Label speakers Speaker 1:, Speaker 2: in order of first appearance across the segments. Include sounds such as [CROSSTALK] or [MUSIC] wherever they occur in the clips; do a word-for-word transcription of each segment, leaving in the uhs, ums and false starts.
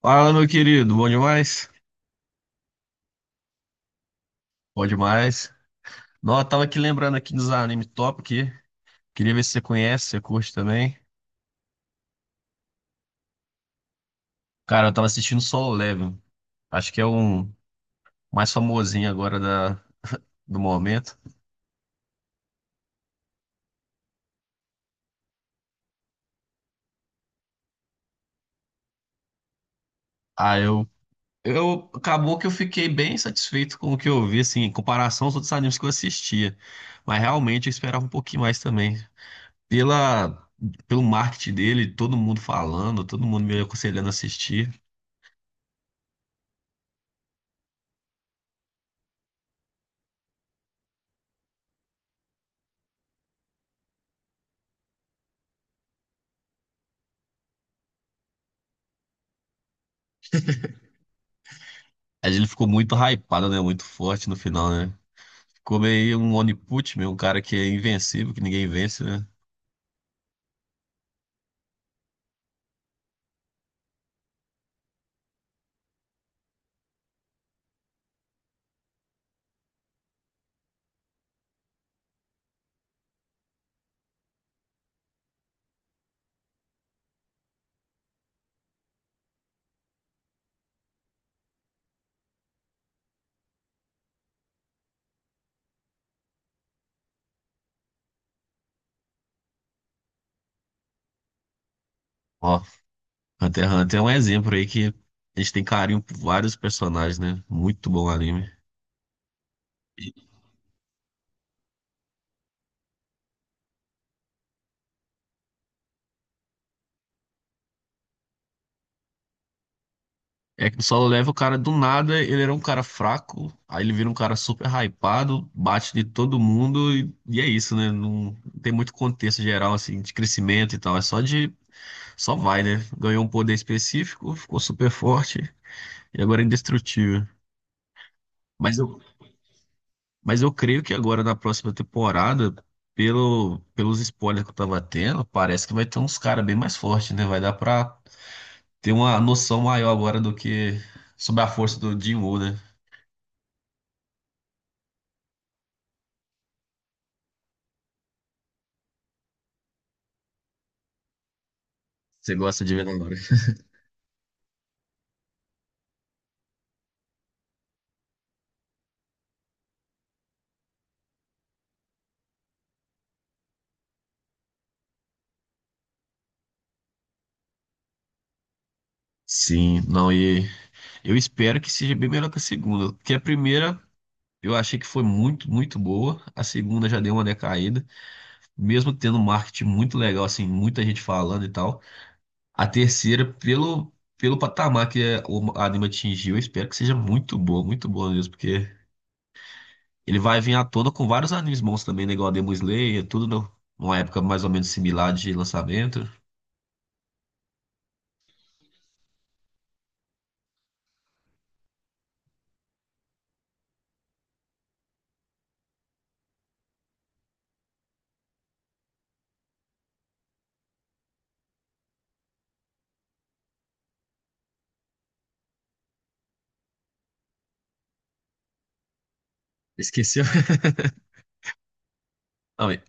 Speaker 1: Fala, meu querido, bom demais? Bom demais. Não, eu tava aqui lembrando aqui dos anime top aqui. Queria ver se você conhece, se você curte também. Cara, eu tava assistindo Solo Leveling. Acho que é um mais famosinho agora da, do momento. Ah, eu, eu... acabou que eu fiquei bem satisfeito com o que eu vi, assim, em comparação aos outros animes que eu assistia. Mas realmente eu esperava um pouquinho mais também. Pela... Pelo marketing dele, todo mundo falando, todo mundo me aconselhando a assistir. Mas ele ficou muito hypado, né? Muito forte no final, né? Como aí um Oniput, meu, um cara que é invencível, que ninguém vence, né? Ó, Hunter x Hunter é um exemplo aí que a gente tem carinho por vários personagens, né? Muito bom anime. E É que o Solo Level, o cara do nada, ele era um cara fraco, aí ele vira um cara super hypado, bate de todo mundo e, e é isso, né? Não tem muito contexto geral, assim, de crescimento e tal. É só de... só vai, né? Ganhou um poder específico, ficou super forte e agora é indestrutível. Mas eu, Mas eu creio que agora na próxima temporada, pelo, pelos spoilers que eu tava tendo, parece que vai ter uns caras bem mais fortes, né? Vai dar pra ter uma noção maior agora do que sobre a força do Jim Woo, né? Você gosta de ver agora. Sim, não, e eu espero que seja bem melhor que a segunda, porque a primeira eu achei que foi muito, muito boa, a segunda já deu uma decaída, mesmo tendo um marketing muito legal, assim, muita gente falando e tal. A terceira, pelo, pelo patamar que é- o anime atingiu, eu espero que seja muito boa, muito boa mesmo, porque ele vai vir à tona com vários animes bons também, né? Igual a Demon Slayer, tudo no- numa época mais ou menos similar de lançamento. Esqueceu? [LAUGHS] Não, e,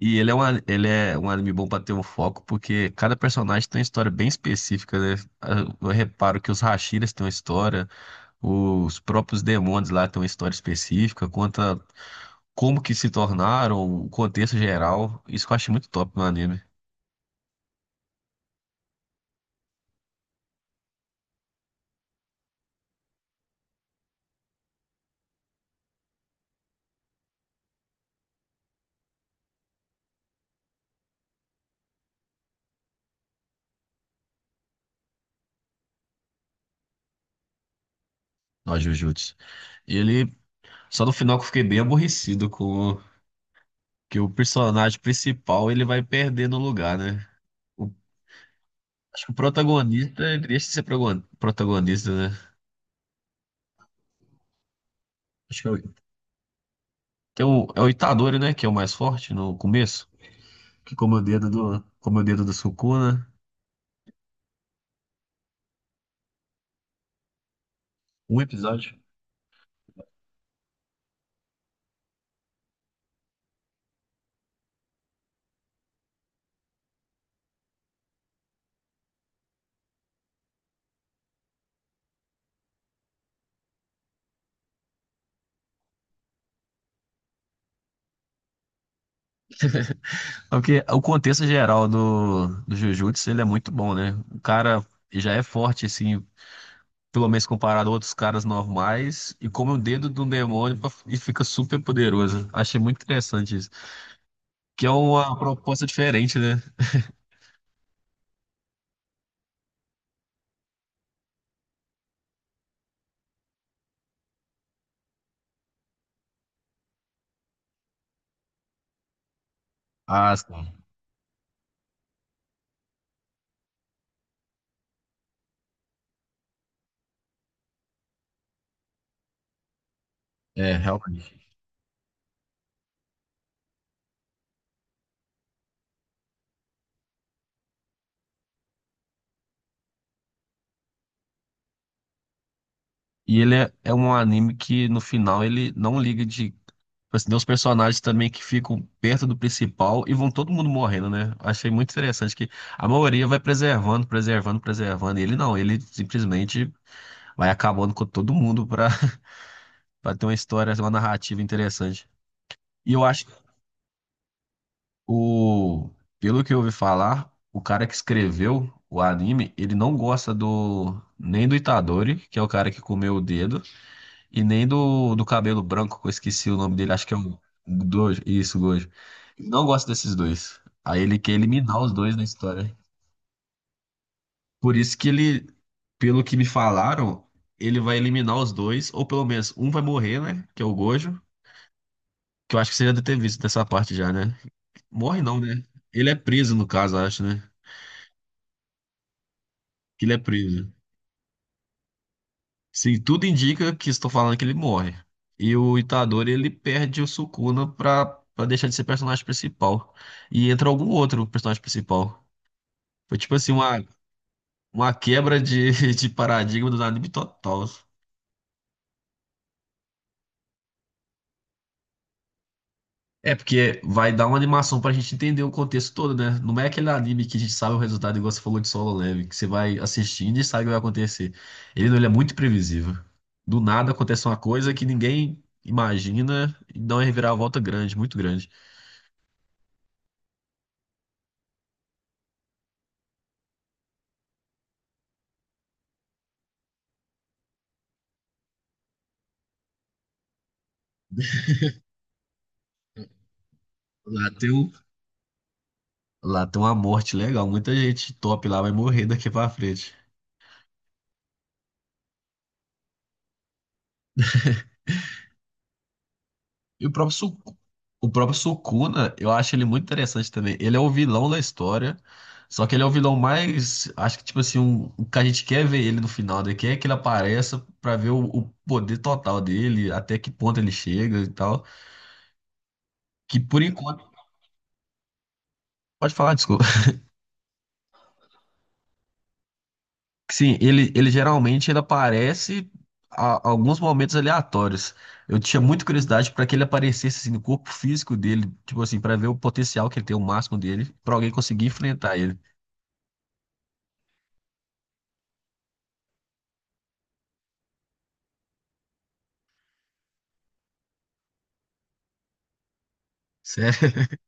Speaker 1: e ele é, um, a- ele é um anime bom pra ter um foco, porque cada personagem tem uma história bem específica, né? Eu eu reparo que os Hashiras têm uma história, os próprios demônios lá têm uma história específica, conta como que se tornaram, o contexto geral. Isso que eu achei muito top no anime, no Jujutsu. Ele, Só no final que eu fiquei bem aborrecido com que o personagem principal ele vai perdendo o lugar, né? O- Acho que o protagonista, ele deixa de ser progon- protagonista, né? Acho que é o, tem o, é o Itadori, né? Que é o mais forte no começo, que come o dedo do, come o dedo do Sukuna. Um episódio. É porque o contexto geral do, do Jujutsu, ele é muito bom, né? O cara já é forte, assim, pelo menos comparado a outros caras normais, e come o dedo de um demônio pra- e fica super poderoso. Achei muito interessante isso. Que é uma proposta diferente, né? Ah, sim. É, realmente. E ele é, é um anime que no final ele não liga de tipo, assim, tem uns personagens também que ficam perto do principal e vão todo mundo morrendo, né? Achei muito interessante que a maioria vai preservando, preservando, preservando. E ele não, ele simplesmente vai acabando com todo mundo pra, [LAUGHS] pra ter uma história, uma narrativa interessante. E eu acho O, pelo que eu ouvi falar, o cara que escreveu o anime, ele não gosta do nem do Itadori, que é o cara que comeu o dedo, e nem do, do cabelo branco, que eu esqueci o nome dele, acho que é o Gojo, isso, Gojo. Ele não gosta desses dois. Aí ele quer eliminar os dois na história. Por isso que ele, pelo que me falaram, ele vai eliminar os dois, ou pelo menos um vai morrer, né? Que é o Gojo, que eu acho que você já deve ter visto dessa parte já, né? Morre não, né? Ele é preso, no caso, acho, né? Que ele é preso. Sim, tudo indica que estou falando que ele morre. E o Itadori, ele perde o Sukuna pra, pra deixar de ser personagem principal. E entra algum outro personagem principal. Foi tipo assim, uma, uma quebra de, [LAUGHS] de paradigma do anime total. É, porque vai dar uma animação pra gente entender o contexto todo, né? Não é aquele anime que a gente sabe o resultado, igual você falou de Solo Leveling, que você vai assistindo e sabe o que vai acontecer. Ele não, ele é muito previsível. Do nada acontece uma coisa que ninguém imagina e dá uma reviravolta grande, muito grande. Lá tem, um- lá tem uma morte legal. Muita gente top lá vai morrer daqui pra frente. E o próprio, Su- o próprio Sukuna, eu acho ele muito interessante também. Ele é o vilão da história. Só que ele é o vilão mais. Acho que, tipo assim, um, o que a gente quer ver ele no final, né? Quer que ele apareça pra ver o, o poder total dele, até que ponto ele chega e tal. Que por enquanto. Pode falar, desculpa. Sim, ele, ele geralmente ele aparece a, alguns momentos aleatórios. Eu tinha muita curiosidade para que ele aparecesse assim, no corpo físico dele, tipo assim, para ver o potencial que ele tem, o máximo dele, para alguém conseguir enfrentar ele. Sério?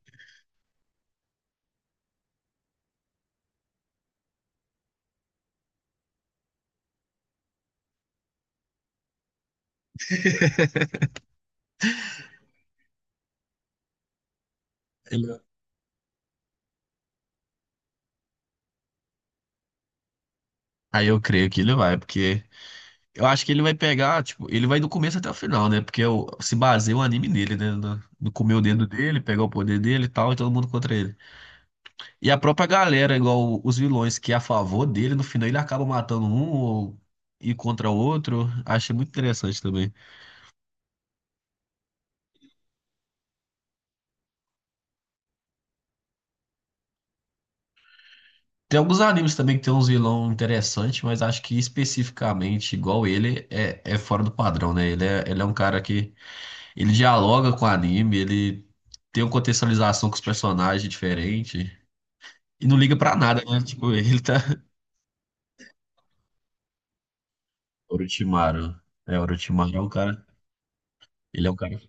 Speaker 1: [LAUGHS] Ele- aí eu creio que ele vai, porque eu acho que ele vai pegar, tipo, ele vai do começo até o final, né? Porque o- se baseia o anime nele, né? No, no comer o dedo dele, pegar o poder dele e tal, e todo mundo contra ele. E a própria galera, igual os vilões que é a favor dele, no final ele acaba matando um ou e contra o outro. Achei muito interessante também. Tem alguns animes também que tem uns vilão interessantes, mas acho que especificamente igual ele é, é fora do padrão, né? Ele é, ele é um cara que ele dialoga com o anime, ele tem uma contextualização com os personagens diferente e não liga pra nada, né? [LAUGHS] Tipo, ele tá Orochimaru. É, Orochimaru é um cara, ele é um cara.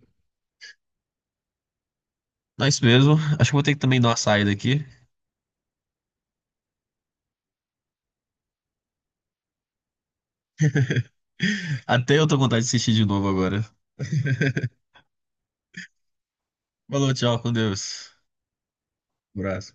Speaker 1: Mas mesmo, acho que vou ter que também dar uma saída aqui. Até eu tô com vontade de assistir de novo agora. [LAUGHS] Falou, tchau, com Deus. Abraço.